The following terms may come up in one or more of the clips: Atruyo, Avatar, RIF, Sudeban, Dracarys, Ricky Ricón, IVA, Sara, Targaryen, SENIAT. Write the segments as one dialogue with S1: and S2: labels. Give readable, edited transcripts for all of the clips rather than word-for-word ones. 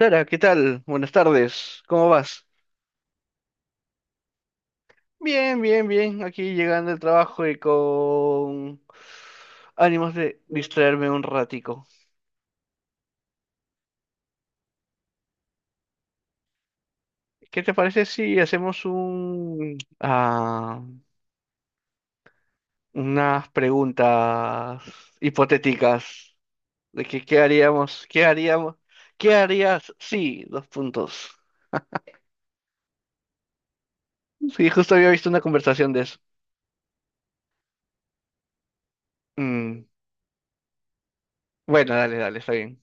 S1: Sara, ¿qué tal? Buenas tardes, ¿cómo vas? Bien, bien, bien, aquí llegando del trabajo y con ánimos de distraerme un ratico. ¿Qué te parece si hacemos unas preguntas hipotéticas de que qué haríamos, qué harías? Sí, dos puntos. Sí, justo había visto una conversación de eso. Mm, bueno, dale, dale, está bien.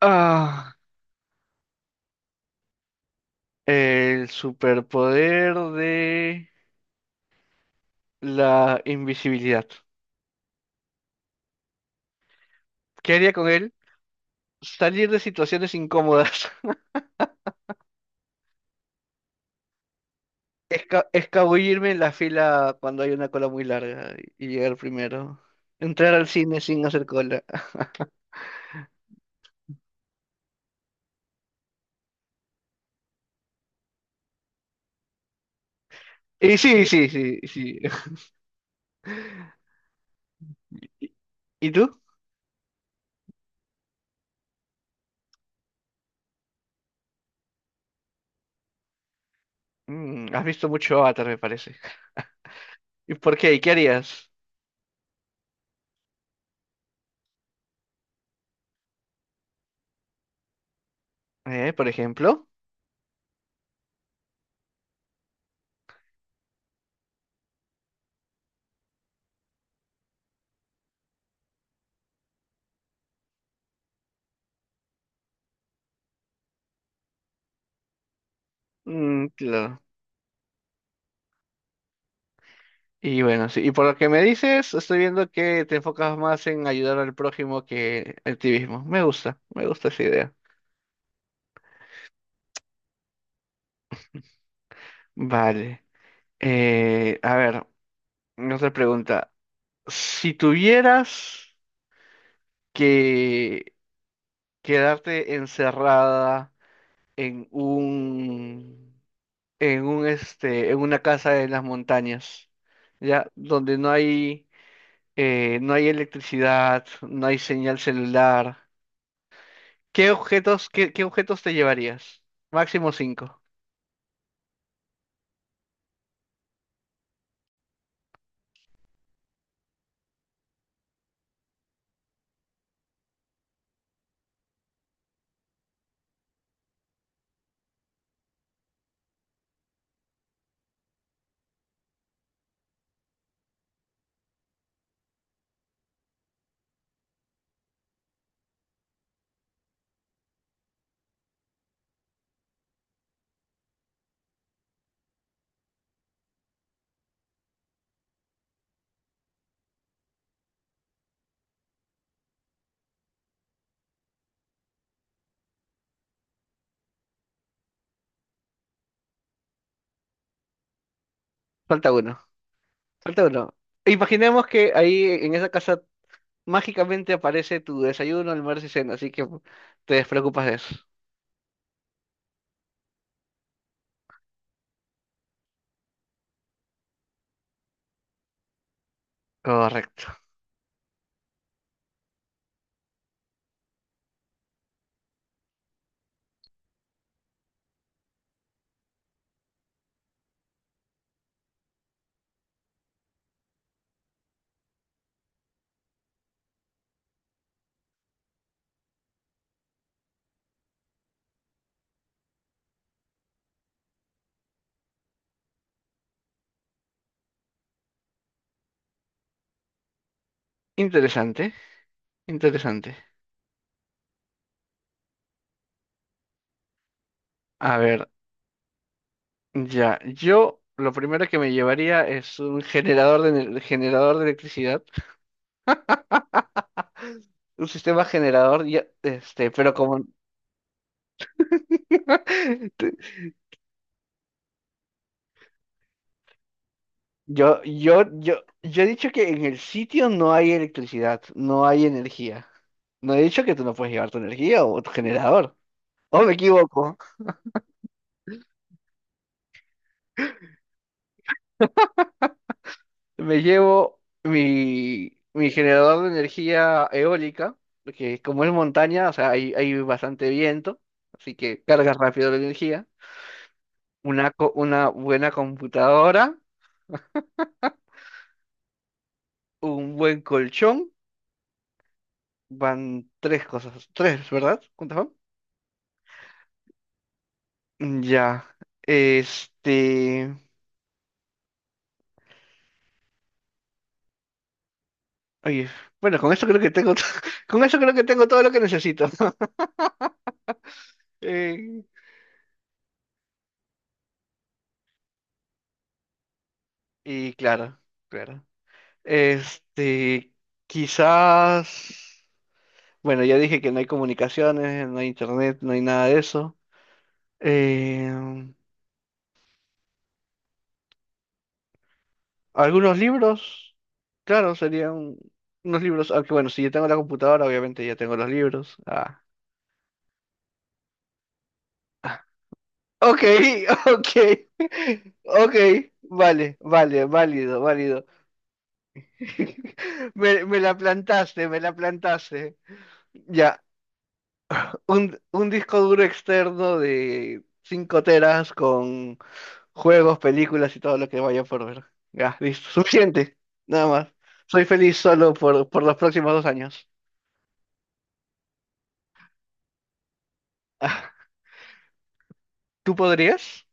S1: Ah, el superpoder de la invisibilidad. ¿Qué haría con él? Salir de situaciones incómodas. Escabullirme en la fila cuando hay una cola muy larga y llegar primero. Entrar al cine sin hacer cola. Y sí, sí, sí, sí. ¿Y tú? Has visto mucho Avatar, me parece. ¿Y por qué? ¿Y qué harías? ¿Eh? ¿Por ejemplo? Mm, claro. Y bueno, sí. Y por lo que me dices, estoy viendo que te enfocas más en ayudar al prójimo que el activismo. Me gusta esa idea. Vale. A ver, otra pregunta. Si tuvieras que quedarte encerrada en un, en una casa en las montañas, ya, donde no hay electricidad, no hay señal celular, ¿qué objetos, qué objetos te llevarías? Máximo cinco. Falta uno. Falta uno. Imaginemos que ahí en esa casa mágicamente aparece tu desayuno, almuerzo y cena, así que te despreocupas de eso. Correcto. Interesante, interesante. A ver, ya, yo lo primero que me llevaría es un generador de electricidad, un sistema generador, ya, este, pero como te- yo, yo, yo, yo he dicho que en el sitio no hay electricidad, no hay energía. No he dicho que tú no puedes llevar tu energía o tu generador. ¿O me equivoco? Me llevo mi generador de energía eólica, porque como es montaña, o sea, hay bastante viento, así que cargas rápido la energía. Una buena computadora, un buen colchón, van tres cosas, tres, ¿verdad? ¿Cuántas van? Ya, este, oye, bueno, con eso creo que tengo, to- con eso creo que tengo todo lo que necesito. Eh, y claro, claro. Este, quizás. Bueno, ya dije que no hay comunicaciones, no hay internet, no hay nada de eso. Eh, Algunos libros, claro, serían unos libros, aunque bueno, si yo tengo la computadora, obviamente ya tengo los libros. Ah. Ah. Ok, ok, ok, vale, vale, válido, válido. Me la plantaste, me la plantaste. Ya, un disco duro externo de 5 teras con juegos, películas y todo lo que vaya por ver. Ya, listo. Suficiente. Nada más. Soy feliz solo por los próximos 2 años. Ah, ¿tú podrías?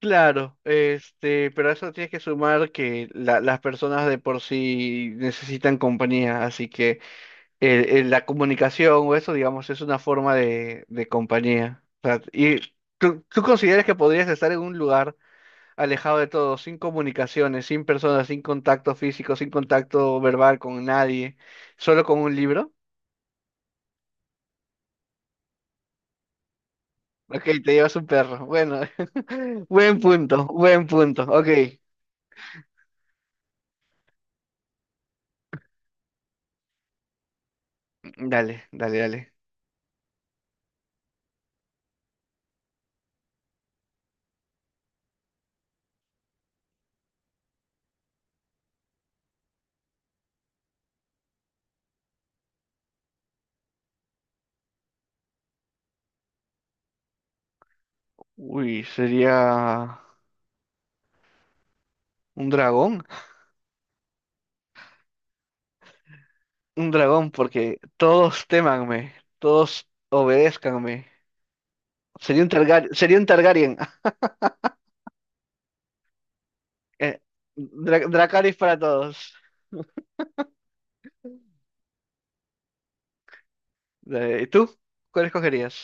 S1: Claro, este, pero a eso tienes que sumar que las personas de por sí necesitan compañía, así que la comunicación o eso, digamos, es una forma de compañía. O sea, y tú consideras que podrías estar en un lugar alejado de todo, sin comunicaciones, sin personas, sin contacto físico, sin contacto verbal con nadie, solo con un libro. Ok, te llevas un perro. Bueno, buen punto, buen punto. Ok, dale, dale, dale. Uy, sería un dragón. Un dragón porque todos témanme, todos obedézcanme. Sería un Targaryen, sería un Targaryen. Eh, Dracarys para todos. ¿Y tú? ¿Cuál escogerías?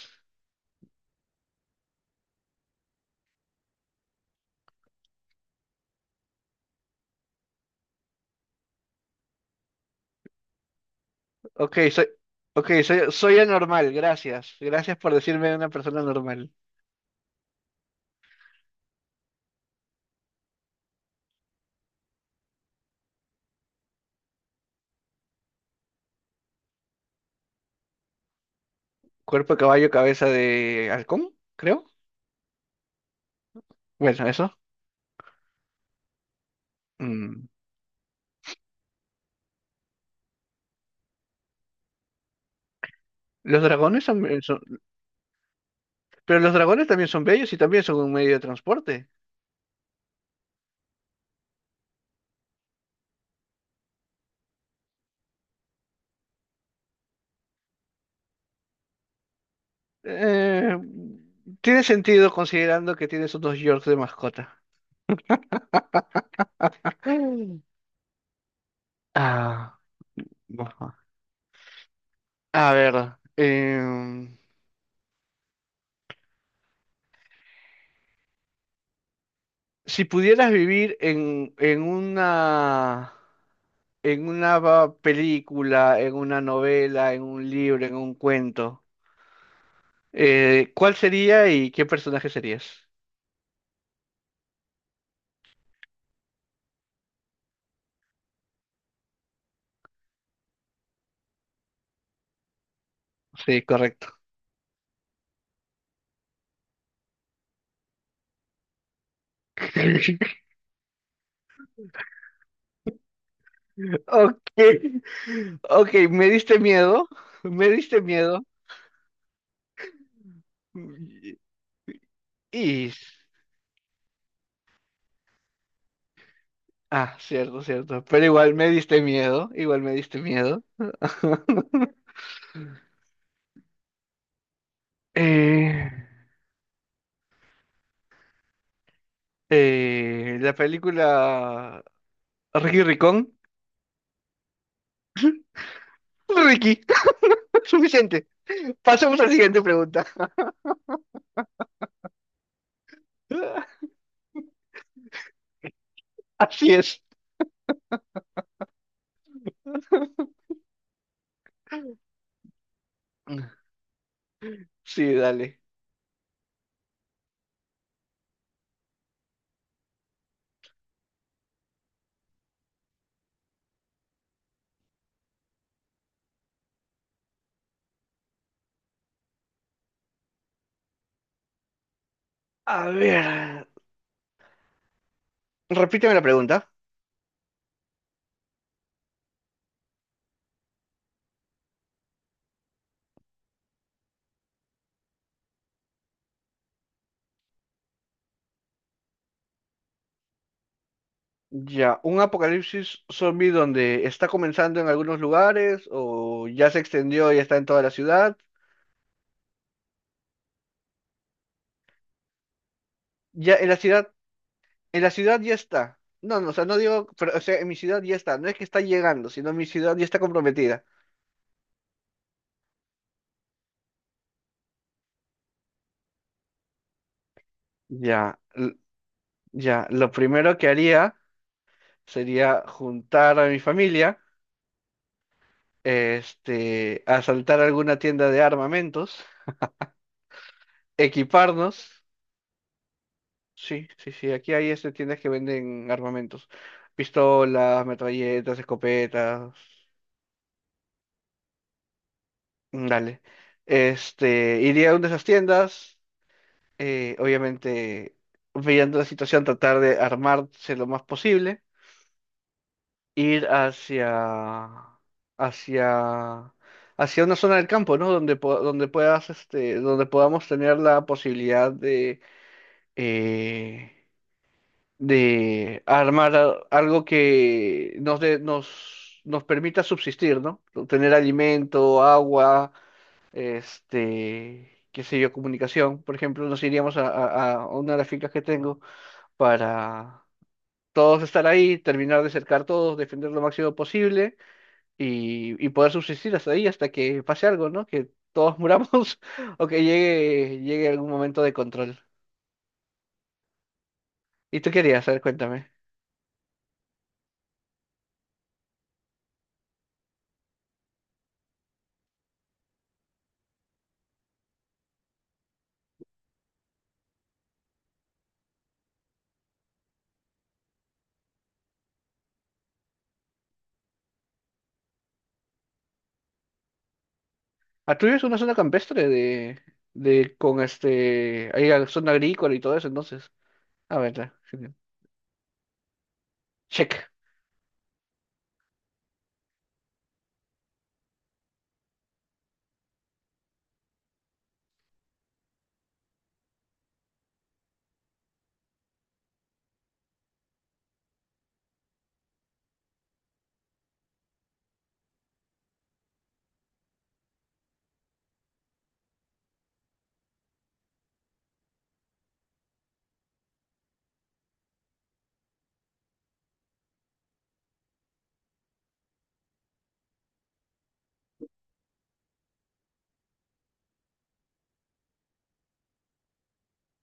S1: Ok, soy anormal, gracias. Gracias por decirme una persona normal. Cuerpo de caballo, cabeza de halcón, creo. Bueno, eso. Mm. Los dragones son- Pero los dragones también son bellos y también son un medio de transporte. Eh, Tiene sentido considerando que tienes unos Yorks de mascota. Mm. Ah, bueno. A ver, em, si pudieras vivir película, en una novela, en un libro, en un cuento, ¿cuál sería y qué personaje serías? Sí, correcto. Ok, ok, me diste miedo, me diste miedo. Y... Ah, cierto, cierto. Pero igual me diste miedo, igual me diste miedo. Eh, la película Ricky Ricón. Ricky, suficiente. Pasemos a la siguiente pregunta. Así es. Sí, dale. A ver, repíteme la pregunta. Ya, ¿un apocalipsis zombie donde está comenzando en algunos lugares o ya se extendió y está en toda la ciudad? Ya, en la ciudad, ya está. No, no, o sea, no digo, pero, o sea, en mi ciudad ya está. No es que está llegando, sino mi ciudad ya está comprometida. Ya, l- ya, lo primero que haría sería juntar a mi familia, este, asaltar alguna tienda de armamentos, equiparnos. Sí, sí, sí. Aquí hay este, tiendas que venden armamentos. Pistolas, metralletas, escopetas. Mm, dale. Este, iría a una de esas tiendas. Obviamente, viendo la situación, tratar de armarse lo más posible. Ir hacia, hacia una zona del campo, ¿no? Donde puedas, este, donde podamos tener la posibilidad eh, de armar algo que nos permita subsistir, ¿no? Tener alimento, agua, este, qué sé yo, comunicación. Por ejemplo, nos iríamos a una de las fincas que tengo para todos estar ahí, terminar de cercar todos, defender lo máximo posible y poder subsistir hasta ahí, hasta que pase algo, ¿no? Que todos muramos o que llegue algún momento de control. ¿Y tú querías? A ver, cuéntame. Atruyo es una zona campestre de con este, hay la zona agrícola y todo eso, entonces. A ver, ya, genial. Check.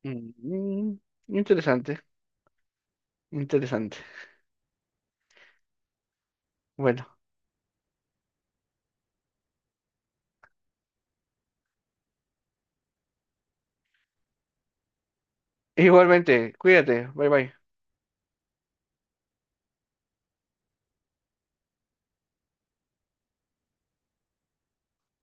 S1: Mm, mm, interesante, interesante. Bueno, igualmente, cuídate, bye bye.